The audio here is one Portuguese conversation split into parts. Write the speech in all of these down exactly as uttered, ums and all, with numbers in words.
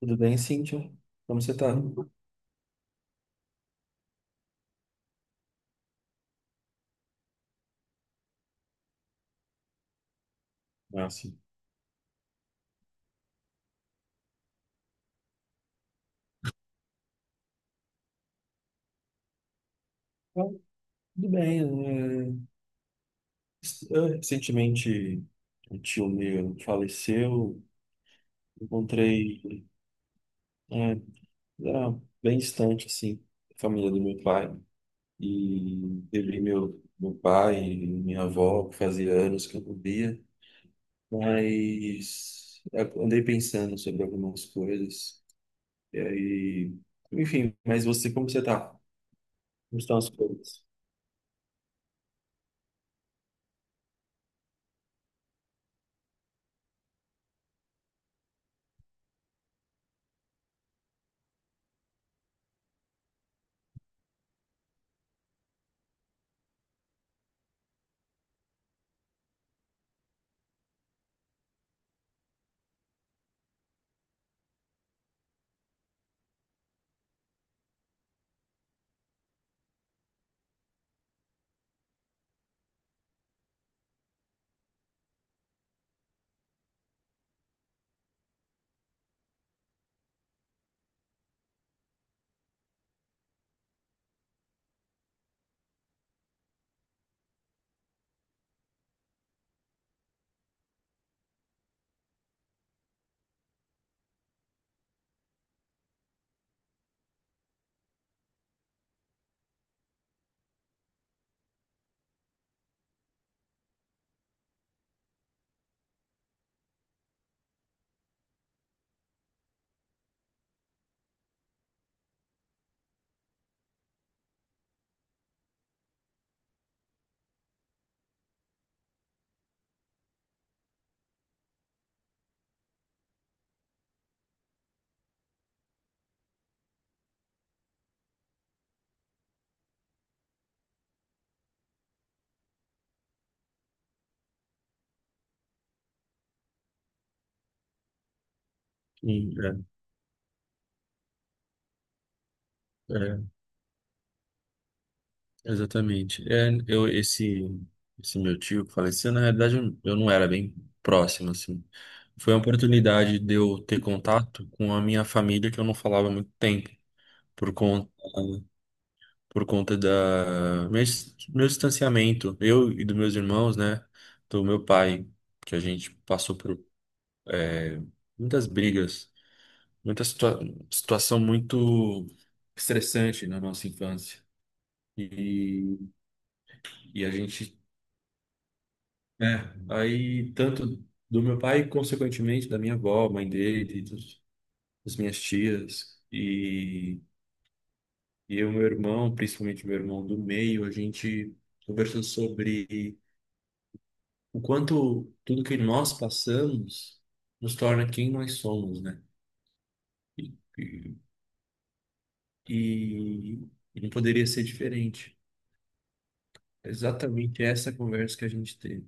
Tudo bem, Cíntia? Como você está? Ah, sim. Ah, tudo bem. né? é, eu, recentemente, um tio meu faleceu. Encontrei, é, era bem distante, assim, a família do meu pai. E eu vi meu, meu pai e minha avó, que fazia anos que eu não via. Mas eu andei pensando sobre algumas coisas. E aí, enfim, mas você, como você está. Como estão as coisas? Sim, é. Exatamente. É, eu, esse, esse meu tio que faleceu, na realidade, eu não era bem próximo, assim. Foi uma oportunidade de eu ter contato com a minha família que eu não falava há muito tempo, por conta, por conta da meu, dis- meu distanciamento, eu e dos meus irmãos, né, do meu pai, que a gente passou por é, muitas brigas, muita situa situação muito estressante na nossa infância. E, e a gente. É, aí tanto do meu pai, consequentemente, da minha avó, mãe dele, dos, das minhas tias, e, e eu, meu irmão, principalmente meu irmão do meio, a gente conversou sobre o quanto tudo que nós passamos nos torna quem nós somos, né? E, e, e não poderia ser diferente. É exatamente essa conversa que a gente teve.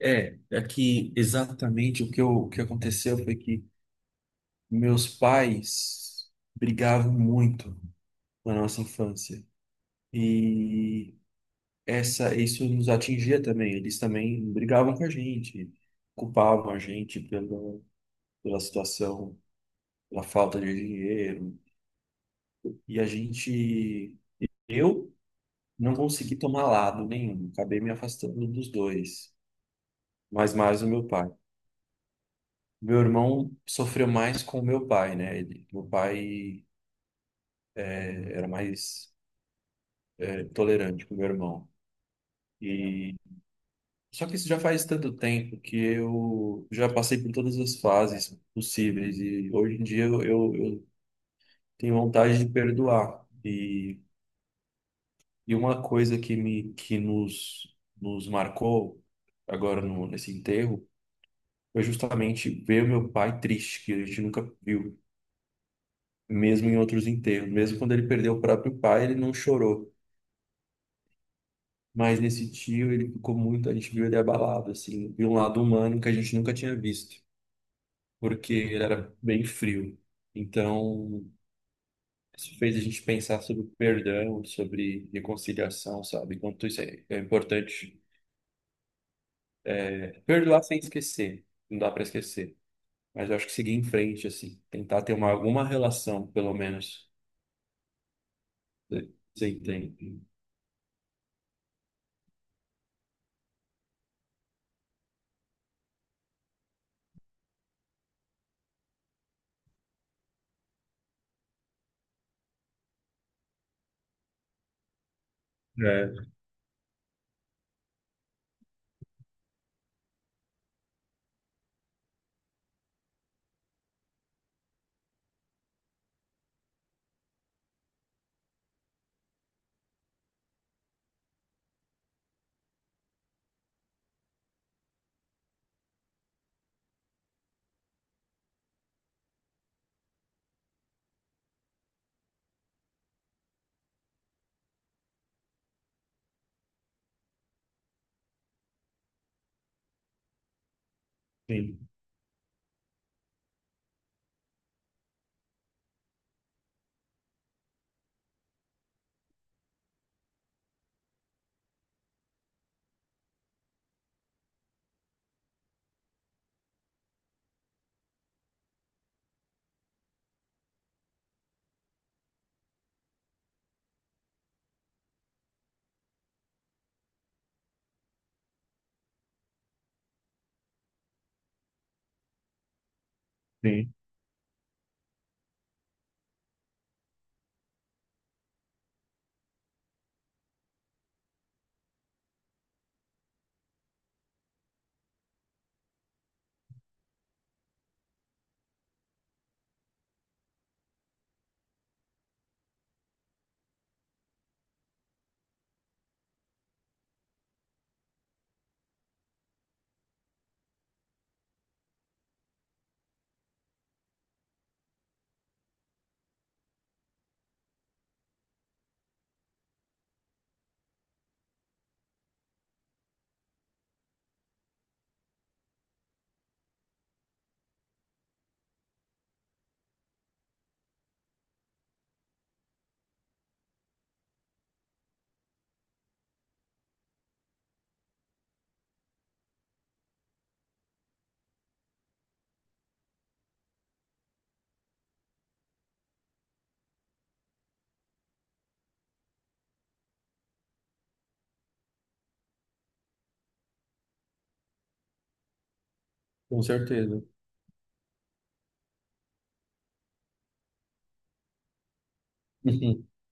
É, é que exatamente o que, eu, o que aconteceu foi que meus pais brigavam muito na nossa infância. E essa, isso nos atingia também. Eles também brigavam com a gente, culpavam a gente pela, pela situação, pela falta de dinheiro. E a gente, eu não consegui tomar lado nenhum. Acabei me afastando dos dois, mas mais o meu pai. Meu irmão sofreu mais com o meu pai, né? Ele, meu pai eh, era mais eh, tolerante com o meu irmão. E só que isso já faz tanto tempo que eu já passei por todas as fases possíveis e hoje em dia eu, eu, eu tenho vontade de perdoar. E, e uma coisa que me que nos nos marcou agora no, nesse enterro foi justamente ver o meu pai triste, que a gente nunca viu, mesmo em outros enterros, mesmo quando ele perdeu o próprio pai, ele não chorou. Mas nesse tio ele ficou muito, a gente viu ele abalado assim, de um lado humano que a gente nunca tinha visto, porque ele era bem frio. Então, isso fez a gente pensar sobre perdão, sobre reconciliação, sabe? Enquanto isso é, é importante é, perdoar sem esquecer, não dá para esquecer. Mas eu acho que seguir em frente, assim, tentar ter uma, alguma relação, pelo menos. Você você entende? É, sim, sim. Com certeza.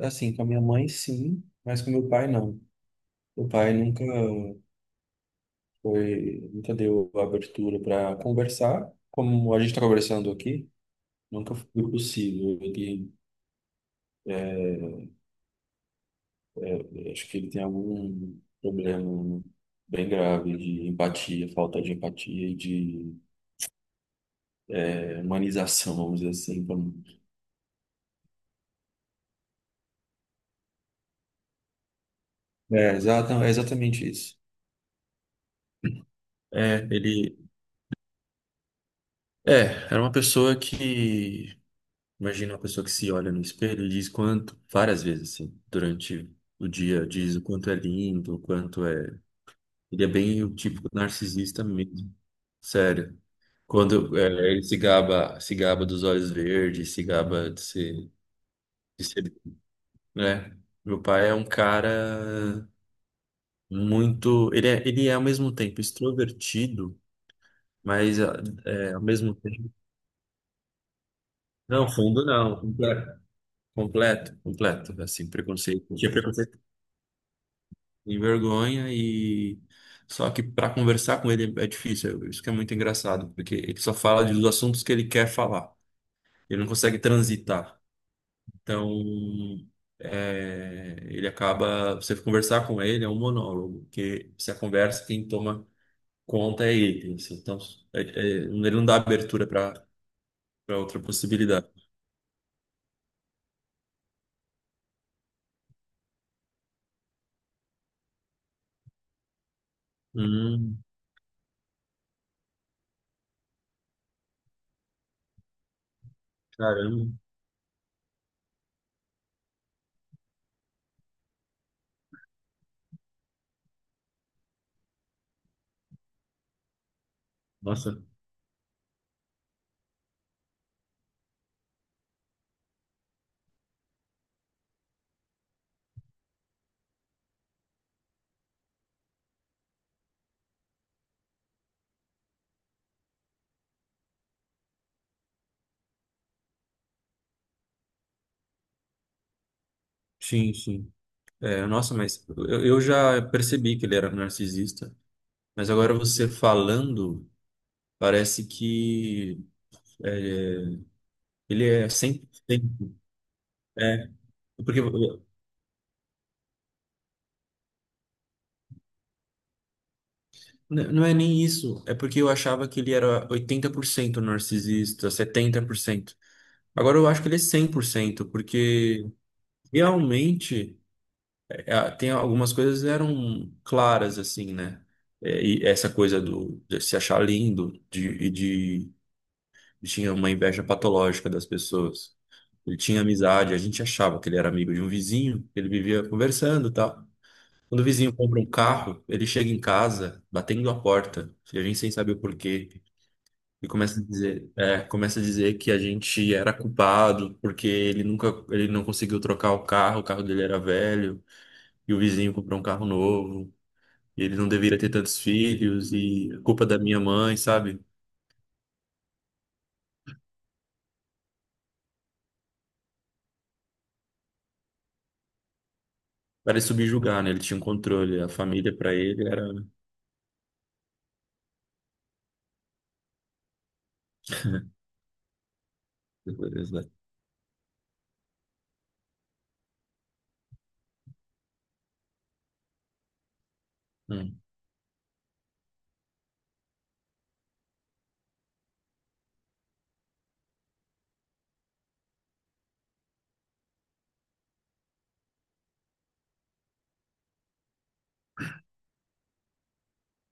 É, assim, com a minha mãe, sim, mas com meu pai, não. Meu pai nunca. Foi, nunca deu abertura para conversar, como a gente está conversando aqui, nunca foi possível. Ele, eh, acho que ele tem algum problema bem grave de empatia, falta de empatia e de é, humanização, vamos dizer assim. Como… É, exata, é exatamente isso. É, ele é, era uma pessoa que, imagina uma pessoa que se olha no espelho e diz quanto, várias vezes assim, durante o dia, diz o quanto é lindo, o quanto é. Ele é bem o típico narcisista mesmo. Sério. Quando é, ele se gaba, se gaba dos olhos verdes, se gaba de ser, de ser, né? Meu pai é um cara muito, ele é, ele é ao mesmo tempo extrovertido, mas é, é, ao mesmo tempo, não, fundo não, completo, completo, completo, assim, preconceito, tinha preconceito, tem vergonha e só que para conversar com ele é difícil, isso que é muito engraçado, porque ele só fala dos assuntos que ele quer falar. Ele não consegue transitar. Então, é, ele acaba, você conversar com ele é um monólogo, porque se a conversa quem toma conta é ele, assim. Então é- é, ele não dá abertura para para outra possibilidade. Hum, caramba, nossa, sim, sim. É, nossa, mas eu, eu já percebi que ele era narcisista, mas agora você falando, parece que é, ele é sempre. Sempre. É, porque N- Não é nem isso, é porque eu achava que ele era oitenta por cento narcisista, setenta por cento. Agora eu acho que ele é cem por cento, porque realmente é, tem algumas coisas que eram claras assim, né? É, E essa coisa do de se achar lindo de, e de tinha uma inveja patológica das pessoas. Ele tinha amizade, a gente achava que ele era amigo de um vizinho, ele vivia conversando, e tal. Quando o vizinho compra um carro, ele chega em casa batendo a porta, e a gente sem saber o porquê. E começa a dizer, é, começa a dizer que a gente era culpado porque ele nunca, ele não conseguiu trocar o carro, o carro dele era velho e o vizinho comprou um carro novo. E ele não deveria ter tantos filhos e a culpa da minha mãe, sabe? Para ele subjugar, né? Ele tinha um controle, a família para ele era. Hum.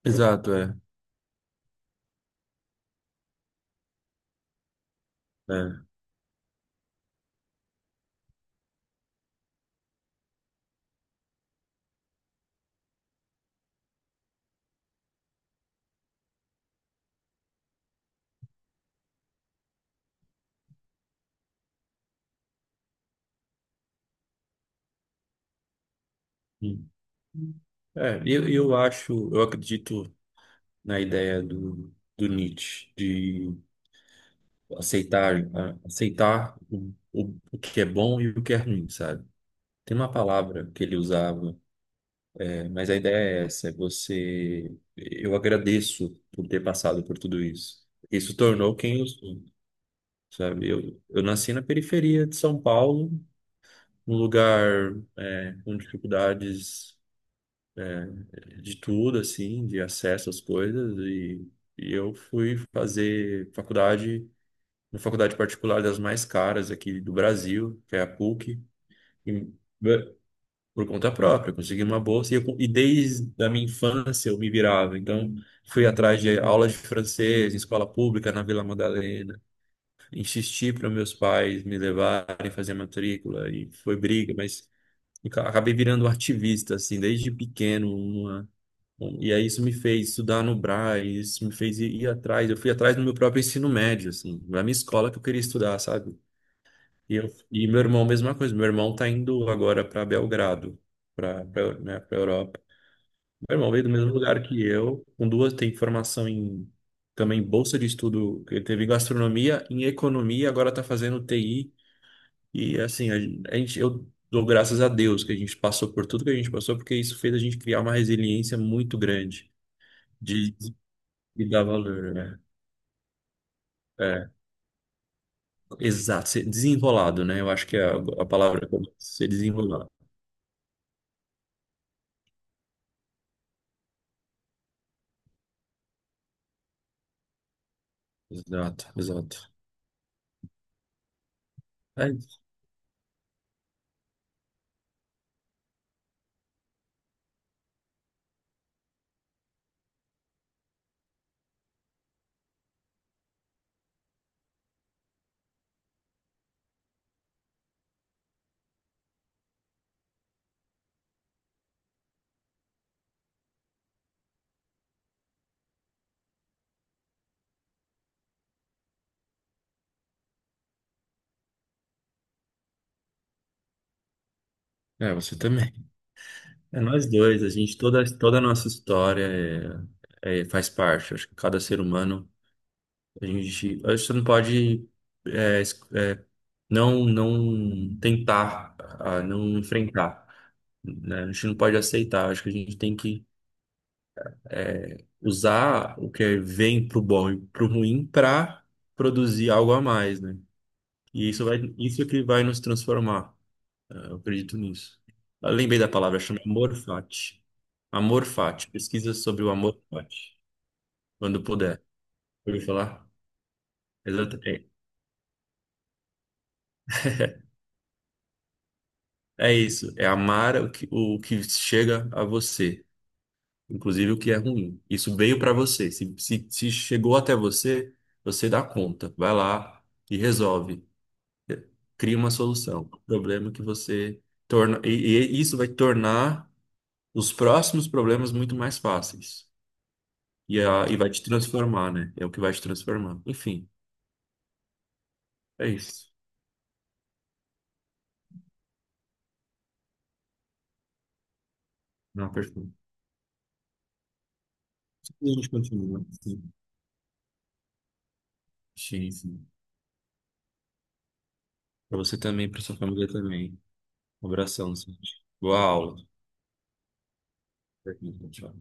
Exato, é. É. Hum. É, eu, eu acho, eu acredito na ideia do, do Nietzsche, de aceitar, a- aceitar o, o, o que é bom e o que é ruim, sabe? Tem uma palavra que ele usava, é, mas a ideia é essa, é você, eu agradeço por ter passado por tudo isso. Isso tornou quem eu sou, sabe? Eu, eu nasci na periferia de São Paulo, num lugar, é, com dificuldades de tudo, assim, de acesso às coisas, e, e eu fui fazer faculdade, uma faculdade particular das mais caras aqui do Brasil, que é a P U C. E, bê, por conta própria, eu consegui uma bolsa e, eu, co- e desde a minha infância eu me virava. Então, fui atrás de aulas de francês em escola pública na Vila Madalena. Insisti para meus pais me levarem fazer matrícula e foi briga, mas ca- acabei virando um ativista, assim, desde pequeno. Uma, um- e aí isso me fez estudar no Brás, isso me fez ir, ir atrás. Eu fui atrás do meu próprio ensino médio, assim, na minha escola que eu queria estudar, sabe? E, eu, e meu irmão, mesma coisa. Meu irmão tá indo agora para Belgrado, para né, para Europa. Meu irmão veio do mesmo lugar que eu, com duas, tem formação em também bolsa de estudo, ele teve em gastronomia, em economia, agora tá fazendo T I. E assim, a gen- a gente, eu dou graças a Deus que a gente passou por tudo que a gente passou, porque isso fez a gente criar uma resiliência muito grande de, de dar valor, né? É, exato, ser desenrolado, né? Eu acho que é a, a palavra, ser desenrolado. Exato, exato. É, É, você também. É nós dois, a gente, toda, toda a nossa história é, é, faz parte. Acho que cada ser humano, a gente, a gente não pode é, es- é, não, não tentar, ah, não enfrentar, né? A gente não pode aceitar. Acho que a gente tem que é, usar o que vem pro bom e pro ruim para produzir algo a mais, né? E isso vai, isso que vai nos transformar. É, eu acredito nisso. Eu lembrei da palavra, chama Amor Fati. Amor Fati. Pesquisa sobre o Amor Fati, quando puder. Ouviu falar? Exatamente. É é isso. É amar o que, o que chega a você, inclusive o que é ruim. Isso veio para você. Se, se, se chegou até você, você dá conta. Vai lá e resolve. Cria uma solução. O problema é que você torna. E, e isso vai tornar os próximos problemas muito mais fáceis. E, a, e vai te transformar, né? É o que vai te transformar. Enfim, é isso. Não, perfeito. E a gente continua. Sim, sim, sim. Pra você também, pra sua família também. Um abração, Sandy. Boa aula. Tchau.